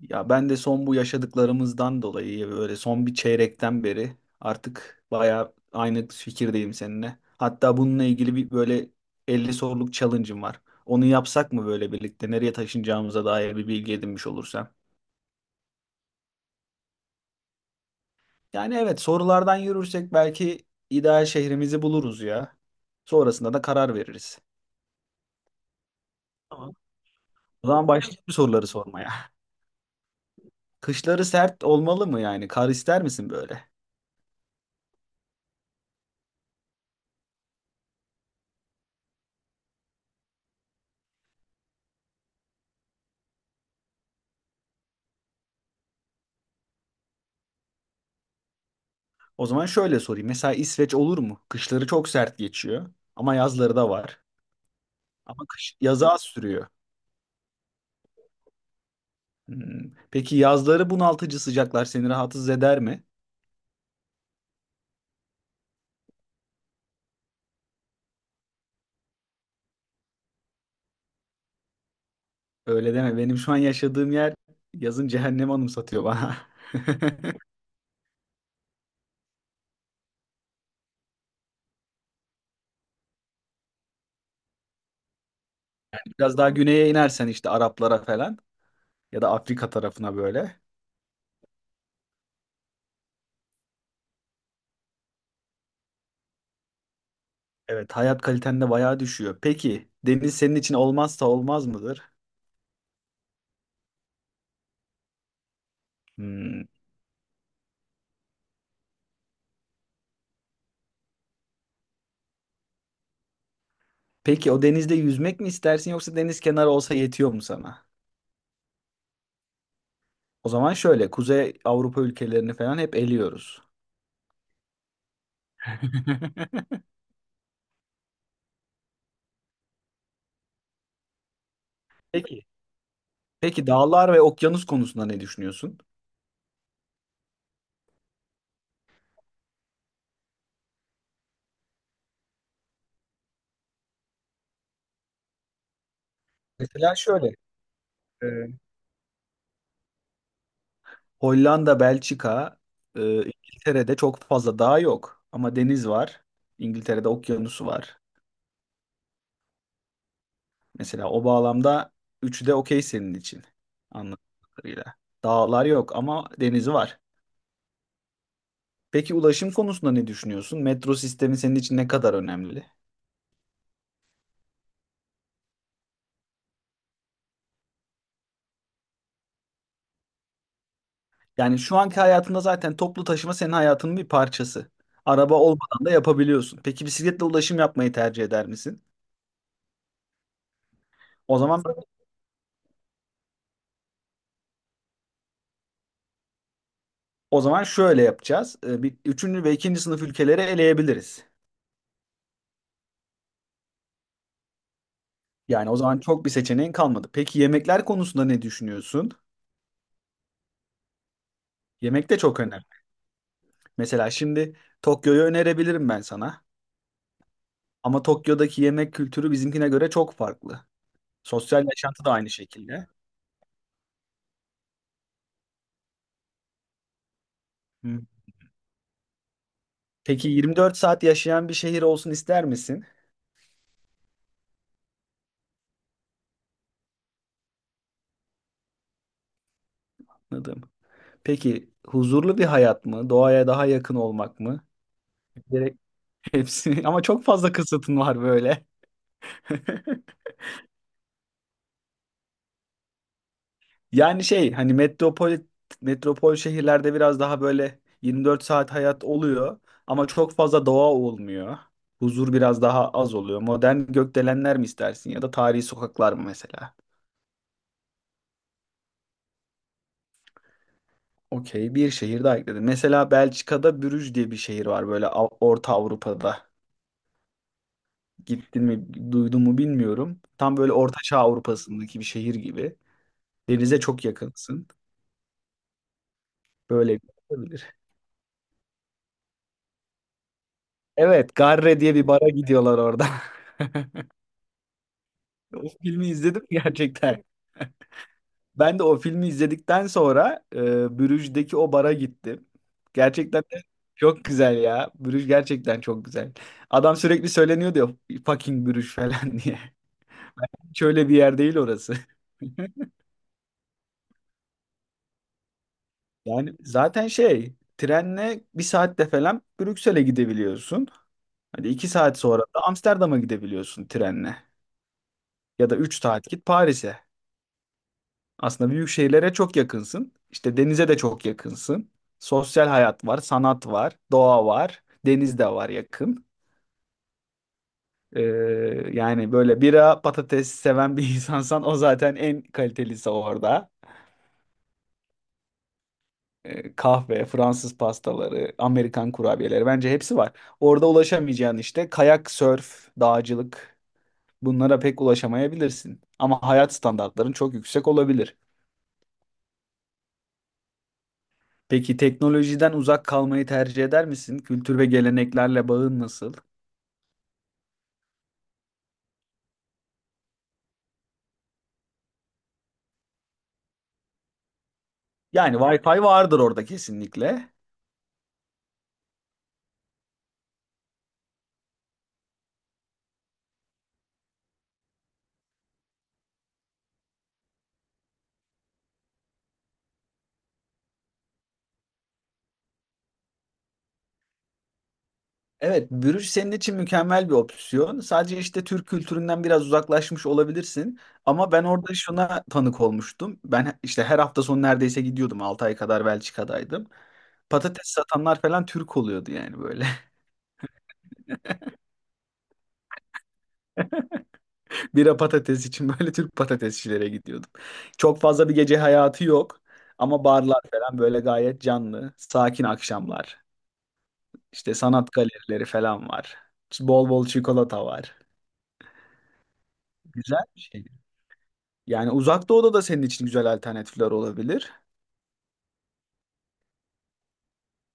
Ya ben de son bu yaşadıklarımızdan dolayı böyle son bir çeyrekten beri artık bayağı aynı fikirdeyim seninle. Hatta bununla ilgili bir böyle 50 soruluk challenge'ım var. Onu yapsak mı böyle birlikte nereye taşınacağımıza dair bir bilgi edinmiş olursam. Yani evet sorulardan yürürsek belki ideal şehrimizi buluruz ya. Sonrasında da karar veririz. Tamam. O zaman başlayalım soruları sormaya. Kışları sert olmalı mı yani? Kar ister misin böyle? O zaman şöyle sorayım. Mesela İsveç olur mu? Kışları çok sert geçiyor ama yazları da var. Ama kış yazı az sürüyor. Hmm. Peki yazları bunaltıcı sıcaklar seni rahatsız eder mi? Öyle deme. Benim şu an yaşadığım yer yazın cehennem anımsatıyor bana. Biraz daha güneye inersen işte Araplara falan ya da Afrika tarafına böyle. Evet, hayat kaliten de bayağı düşüyor. Peki deniz senin için olmazsa olmaz mıdır? Hmm. Peki o denizde yüzmek mi istersin yoksa deniz kenarı olsa yetiyor mu sana? O zaman şöyle Kuzey Avrupa ülkelerini falan hep eliyoruz. Peki. Peki dağlar ve okyanus konusunda ne düşünüyorsun? Mesela şöyle e, Hollanda, Belçika, İngiltere'de çok fazla dağ yok ama deniz var. İngiltere'de okyanusu var. Mesela o bağlamda üçü de okey senin için anladığım kadarıyla. Dağlar yok ama denizi var. Peki ulaşım konusunda ne düşünüyorsun? Metro sistemi senin için ne kadar önemli? Yani şu anki hayatında zaten toplu taşıma senin hayatının bir parçası. Araba olmadan da yapabiliyorsun. Peki bisikletle ulaşım yapmayı tercih eder misin? O zaman o zaman şöyle yapacağız. Bir, üçüncü ve ikinci sınıf ülkeleri eleyebiliriz. Yani o zaman çok bir seçeneğin kalmadı. Peki yemekler konusunda ne düşünüyorsun? Yemek de çok önemli. Mesela şimdi Tokyo'yu önerebilirim ben sana. Ama Tokyo'daki yemek kültürü bizimkine göre çok farklı. Sosyal yaşantı da aynı şekilde. Hı. Peki 24 saat yaşayan bir şehir olsun ister misin? Anladım. Peki huzurlu bir hayat mı? Doğaya daha yakın olmak mı? Gerek hepsi. Ama çok fazla kısıtın var böyle. Yani şey hani metropol şehirlerde biraz daha böyle 24 saat hayat oluyor ama çok fazla doğa olmuyor. Huzur biraz daha az oluyor. Modern gökdelenler mi istersin ya da tarihi sokaklar mı mesela? Okey bir şehir daha ekledim. Mesela Belçika'da Brüj diye bir şehir var böyle Orta Avrupa'da. Gittin mi duydun mu bilmiyorum. Tam böyle Orta Avrupa'sındaki bir şehir gibi. Denize çok yakınsın. Böyle bir şey olabilir. Evet, Garre diye bir bara gidiyorlar orada. O filmi izledim gerçekten. Ben de o filmi izledikten sonra Bruges'deki o bara gittim. Gerçekten de çok güzel ya. Bruges gerçekten çok güzel. Adam sürekli söyleniyordu diyor, fucking Bruges falan diye. Şöyle bir yer değil orası. Yani zaten şey trenle bir saatte falan Brüksel'e gidebiliyorsun. Hadi 2 saat sonra da Amsterdam'a gidebiliyorsun trenle. Ya da 3 saat git Paris'e. Aslında büyük şehirlere çok yakınsın. İşte denize de çok yakınsın. Sosyal hayat var, sanat var, doğa var, deniz de var yakın. Ee, yani böyle bira patates seven bir insansan o zaten en kalitelisi orada. Kahve, Fransız pastaları, Amerikan kurabiyeleri bence hepsi var. Orada ulaşamayacağın işte kayak, sörf, dağcılık bunlara pek ulaşamayabilirsin. Ama hayat standartların çok yüksek olabilir. Peki teknolojiden uzak kalmayı tercih eder misin? Kültür ve geleneklerle bağın nasıl? Yani Wi-Fi vardır orada kesinlikle. Evet, bürüş senin için mükemmel bir opsiyon. Sadece işte Türk kültüründen biraz uzaklaşmış olabilirsin. Ama ben orada şuna tanık olmuştum. Ben işte her hafta sonu neredeyse gidiyordum. 6 ay kadar Belçika'daydım. Patates satanlar falan Türk oluyordu yani böyle. Bira patates için böyle Türk patatesçilere gidiyordum. Çok fazla bir gece hayatı yok. Ama barlar falan böyle gayet canlı. Sakin akşamlar. İşte sanat galerileri falan var. Bol bol çikolata var. Güzel bir şey. Yani uzak doğuda da senin için güzel alternatifler olabilir.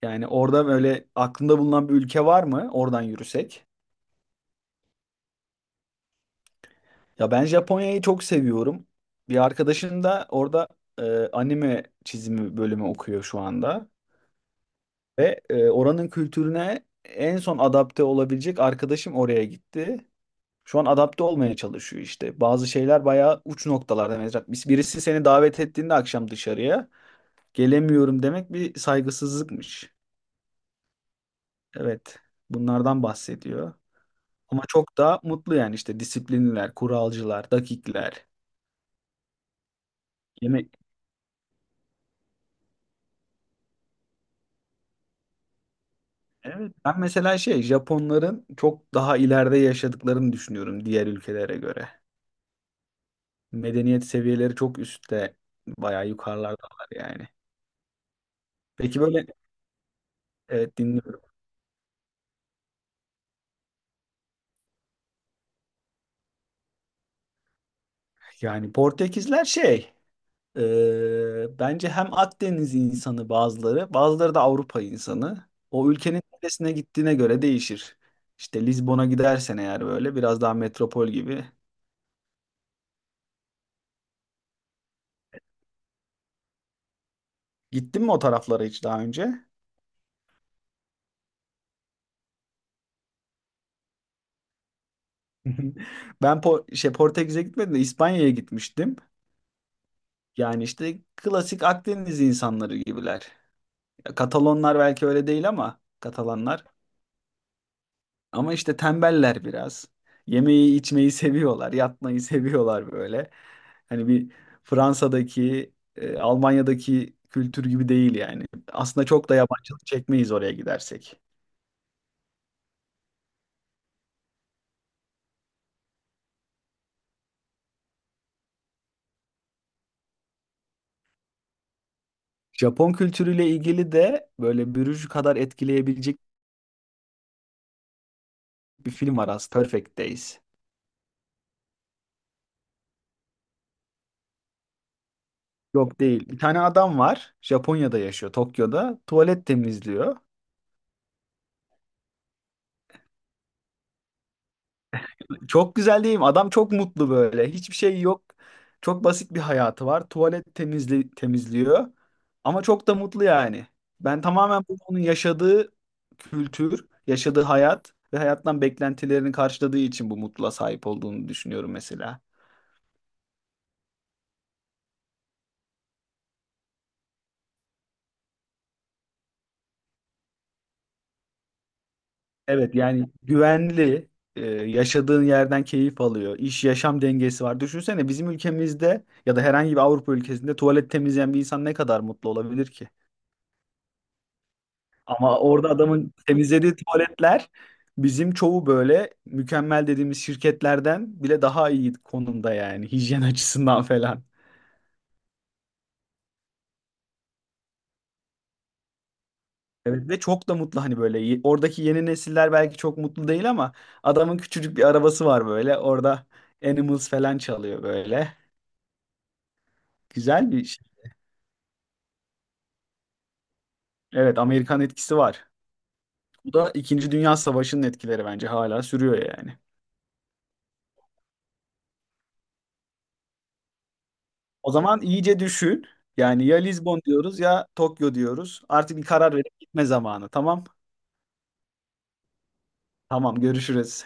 Yani orada böyle aklında bulunan bir ülke var mı? Oradan yürüsek. Ya ben Japonya'yı çok seviyorum. Bir arkadaşım da orada e, anime çizimi bölümü okuyor şu anda. Ve oranın kültürüne en son adapte olabilecek arkadaşım oraya gitti. Şu an adapte olmaya çalışıyor işte. Bazı şeyler bayağı uç noktalarda. Mesela birisi seni davet ettiğinde akşam dışarıya gelemiyorum demek bir saygısızlıkmış. Evet, bunlardan bahsediyor. Ama çok daha mutlu yani işte disiplinliler, kuralcılar, dakikler. Yemek. Evet, ben mesela şey Japonların çok daha ileride yaşadıklarını düşünüyorum diğer ülkelere göre. Medeniyet seviyeleri çok üstte, bayağı yukarılardalar yani. Peki böyle evet dinliyorum. Yani Portekizler şey bence hem Akdeniz insanı bazıları, bazıları da Avrupa insanı. O ülkenin neresine gittiğine göre değişir. İşte Lizbon'a gidersen eğer böyle biraz daha metropol gibi. Gittin mi o taraflara hiç daha önce? Ben şey Portekiz'e gitmedim de İspanya'ya gitmiştim. Yani işte klasik Akdeniz insanları gibiler. Ya Katalonlar belki öyle değil ama Katalanlar. Ama işte tembeller biraz. Yemeği içmeyi seviyorlar, yatmayı seviyorlar böyle. Hani bir Fransa'daki, Almanya'daki kültür gibi değil yani. Aslında çok da yabancılık çekmeyiz oraya gidersek. Japon kültürüyle ilgili de böyle Bruges kadar etkileyebilecek bir film var aslında. Perfect Days. Yok değil. Bir tane adam var. Japonya'da yaşıyor, Tokyo'da. Tuvalet temizliyor. Çok güzel değil mi? Adam çok mutlu böyle. Hiçbir şey yok. Çok basit bir hayatı var. Tuvalet temizliyor. Ama çok da mutlu yani. Ben tamamen onun yaşadığı kültür, yaşadığı hayat ve hayattan beklentilerini karşıladığı için bu mutluluğa sahip olduğunu düşünüyorum mesela. Evet yani güvenli, yaşadığın yerden keyif alıyor. İş yaşam dengesi var. Düşünsene bizim ülkemizde ya da herhangi bir Avrupa ülkesinde tuvalet temizleyen bir insan ne kadar mutlu olabilir ki? Ama orada adamın temizlediği tuvaletler bizim çoğu böyle mükemmel dediğimiz şirketlerden bile daha iyi konumda yani hijyen açısından falan. Evet ve çok da mutlu hani böyle oradaki yeni nesiller belki çok mutlu değil ama adamın küçücük bir arabası var böyle orada Animals falan çalıyor böyle. Güzel bir şey. Evet Amerikan etkisi var. Bu da İkinci Dünya Savaşı'nın etkileri bence hala sürüyor yani. O zaman iyice düşün. Yani ya Lizbon diyoruz ya Tokyo diyoruz. Artık bir karar verip gitme zamanı. Tamam. Tamam görüşürüz.